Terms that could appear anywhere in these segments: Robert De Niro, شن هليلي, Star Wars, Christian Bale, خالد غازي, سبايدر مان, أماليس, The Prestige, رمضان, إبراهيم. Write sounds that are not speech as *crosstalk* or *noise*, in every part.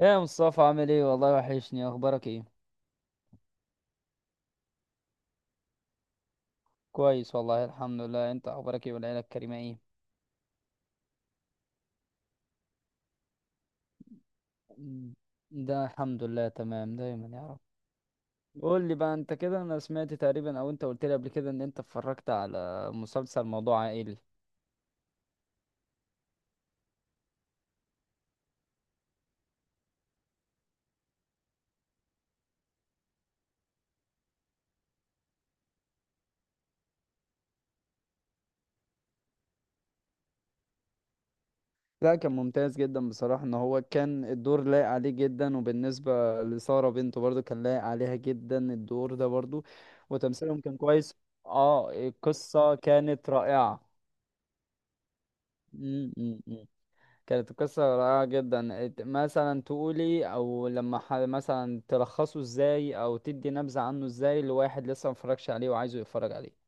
ايه يا مصطفى؟ عامل ايه؟ والله وحشني. اخبارك ايه؟ كويس والله الحمد لله. انت اخبارك ايه والعيله الكريمه ايه؟ مم. ده الحمد لله تمام دايما يا رب. قول لي بقى، انت كده انا سمعت تقريبا او انت قلت لي قبل كده ان انت اتفرجت على مسلسل موضوع عائلي. لا، كان ممتاز جدا بصراحه. ان هو كان الدور لايق عليه جدا، وبالنسبه لساره بنته برضو كان لايق عليها جدا الدور ده برضو. وتمثيلهم كان كويس. اه القصه كانت رائعه. مم، مم، مم. كانت القصة رائعة جدا. مثلا تقولي، او لما مثلا تلخصه ازاي، او تدي نبذة عنه ازاي لواحد لسه مفرجش عليه وعايزه يتفرج عليه؟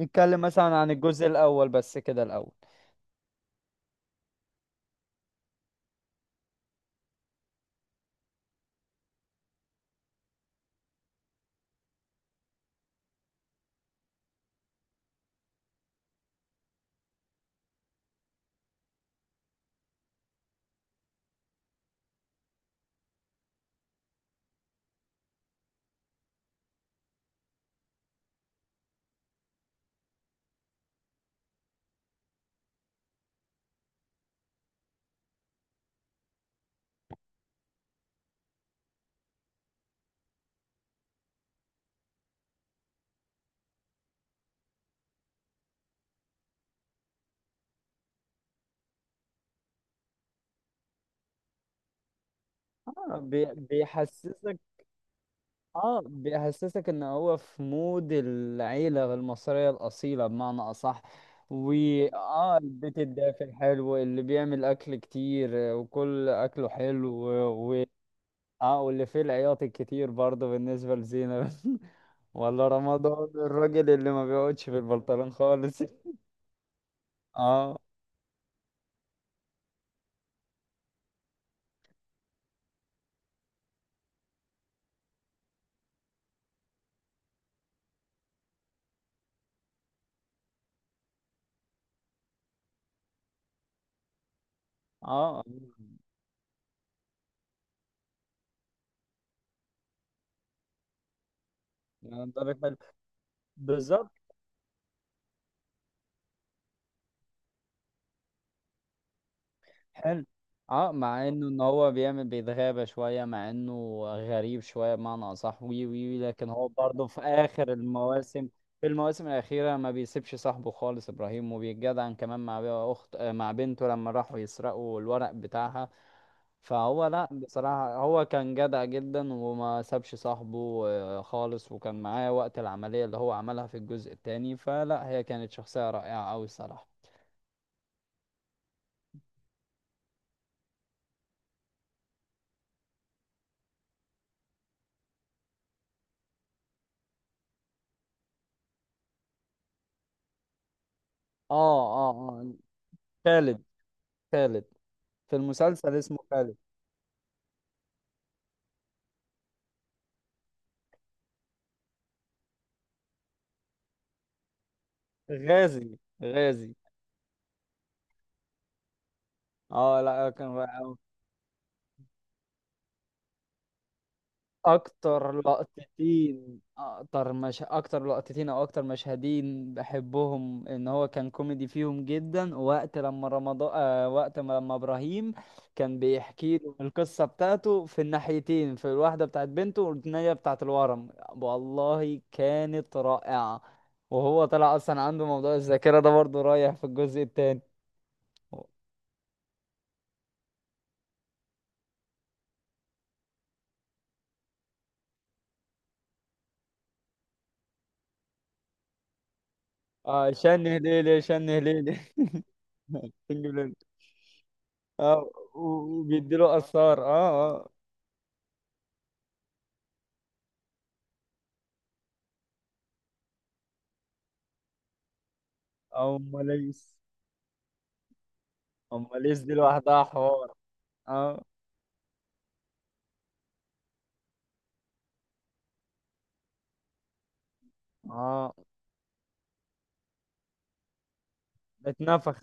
نتكلم مثلا عن الجزء الاول بس كده الاول. آه، بيحسسك. اه بيحسسك ان هو في مود العيلة المصرية الاصيلة بمعنى اصح. و اه، البيت الدافي الحلو اللي بيعمل اكل كتير آه، وكل اكله حلو و... اه، واللي فيه العياط الكتير برضه بالنسبة لزينة *laughs* ولا رمضان الراجل اللي ما بيقعدش في البلطران خالص *laughs* اه. اه يعني درجة حلو. بالظبط. حلو. اه، مع انه ان هو بيعمل بيتغابى شوية، مع انه غريب شوية بمعنى اصح. وي وي وي، لكن هو برضه في اخر المواسم، في المواسم الاخيرة ما بيسيبش صاحبه خالص ابراهيم، وبيتجدعن كمان مع اخت آه، مع بنته لما راحوا يسرقوا الورق بتاعها. فهو لا بصراحة هو كان جدع جدا وما سابش صاحبه آه، خالص، وكان معاه وقت العملية اللي هو عملها في الجزء التاني. فلا هي كانت شخصية رائعة أوي الصراحة. اه اه اه. خالد. خالد. في المسلسل اسمه خالد. غازي غازي. اه لا كان رائع. اكتر لقطتين، اكتر مش اكتر لقطتين او اكتر مشهدين بحبهم ان هو كان كوميدي فيهم جدا، وقت لما رمضان آه، وقت ما لما ابراهيم كان بيحكي له القصه بتاعته في الناحيتين، في الواحده بتاعت بنته والثانيه بتاعت الورم، والله كانت رائعه. وهو طلع اصلا عنده موضوع الذاكره ده برضه رايح في الجزء الثاني. اه شن هليلي شن هليلي. *laughs* اه وبيديله اثار، اه. اه اماليس. اماليس دي لوحدها حوار. اه. اه. اتنفخ.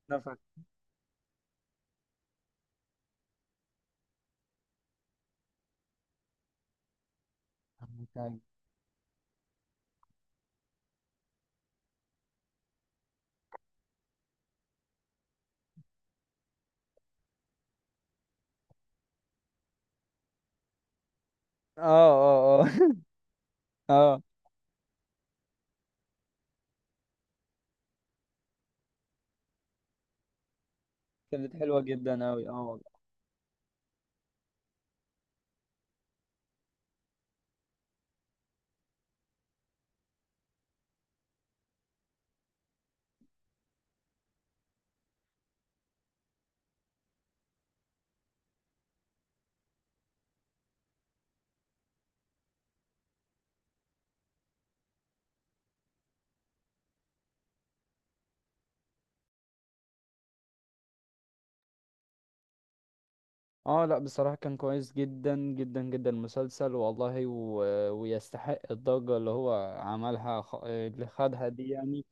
اتنفخ. اه. اه. اه. *laughs* اه كانت حلوه جدا اوي اه والله. اه لا بصراحه كان كويس جدا جدا جدا المسلسل والله، ويستحق الضجه اللي هو عملها اللي خدها دي يعني.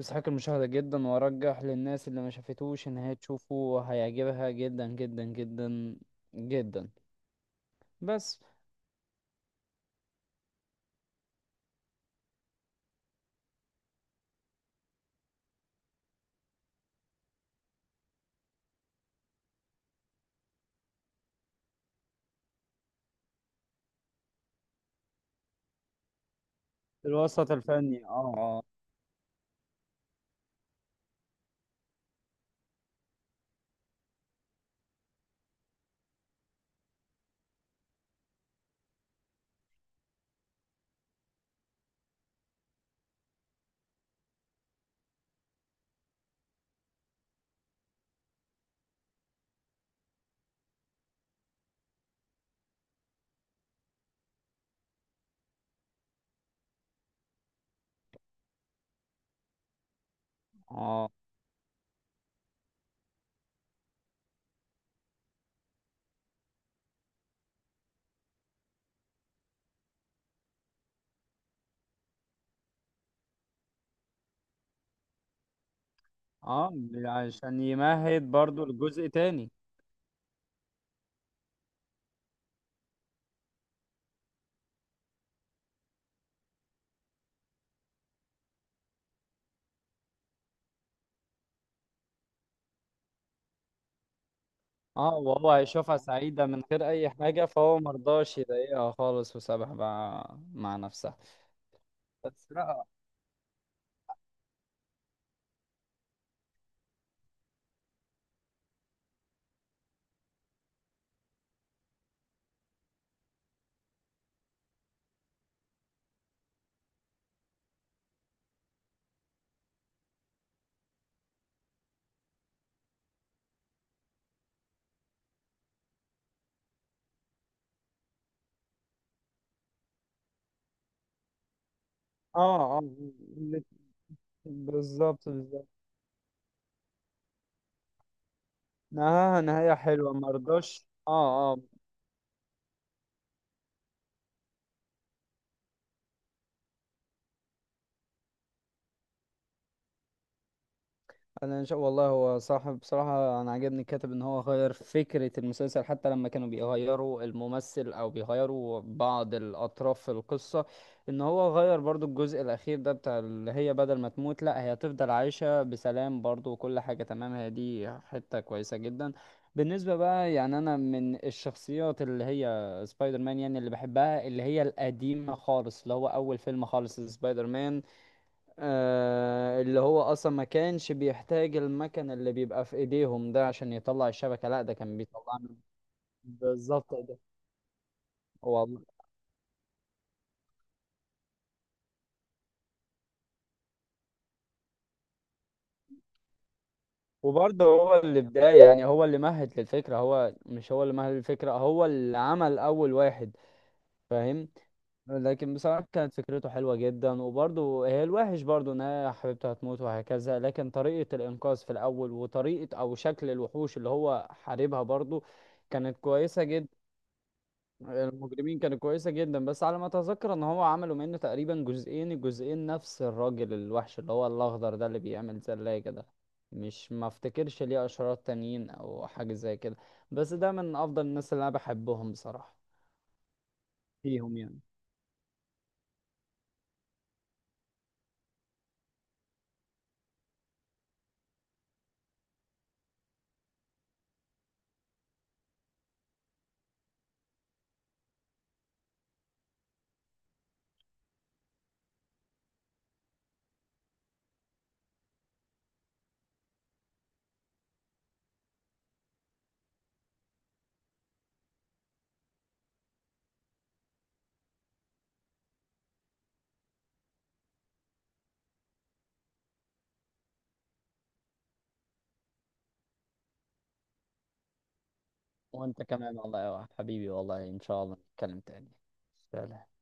يستحق المشاهده جدا، وارجح للناس اللي ما شافتوش ان هي تشوفه هيعجبها جدا جدا جدا جدا. بس. الوسط الفني، اه اه. اه اه عشان يمهد برضو لجزء تاني. اه، وهو هيشوفها سعيدة من غير أي حاجة، فهو مرضاش يضايقها خالص وسابها بقى مع نفسها. بس لا. اه اه بالظبط بالظبط. نهاية، نهاية حلوة، مرضاش، اه اه. انا ان شاء والله. هو صاحب بصراحه انا عجبني الكاتب، ان هو غير فكره المسلسل حتى لما كانوا بيغيروا الممثل او بيغيروا بعض الاطراف في القصه. ان هو غير برضو الجزء الاخير ده بتاع اللي هي بدل ما تموت، لا هي هتفضل عايشه بسلام برضو وكل حاجه تمام. هي دي حته كويسه جدا. بالنسبه بقى يعني انا من الشخصيات اللي هي سبايدر مان يعني اللي بحبها، اللي هي القديمه خالص، اللي هو اول فيلم خالص سبايدر مان. آه اللي هو اصلا ما كانش بيحتاج المكن اللي بيبقى في ايديهم ده عشان يطلع الشبكة، لا ده كان بيطلع بالظبط ده. والله، وبرضه هو اللي بداية يعني هو اللي مهد للفكرة، هو مش هو اللي مهد للفكرة، هو اللي عمل اول واحد. فاهم. لكن بصراحة كانت فكرته حلوة جدا. وبرضه هي الوحش برضه ان هي حبيبته هتموت وهكذا، لكن طريقة الانقاذ في الاول وطريقة او شكل الوحوش اللي هو حاربها برضه كانت كويسة جدا. المجرمين كانت كويسة جدا. بس على ما اتذكر ان هو عملوا منه تقريبا جزئين، الجزئين نفس الراجل الوحش اللي هو الاخضر ده اللي بيعمل زلاجة ده. مش ما افتكرش ليه اشرار تانيين او حاجة زي كده. بس ده من افضل الناس اللي انا بحبهم بصراحة فيهم يعني. وانت كمان والله يا واحد حبيبي، والله ان شاء الله نتكلم تاني. سلام.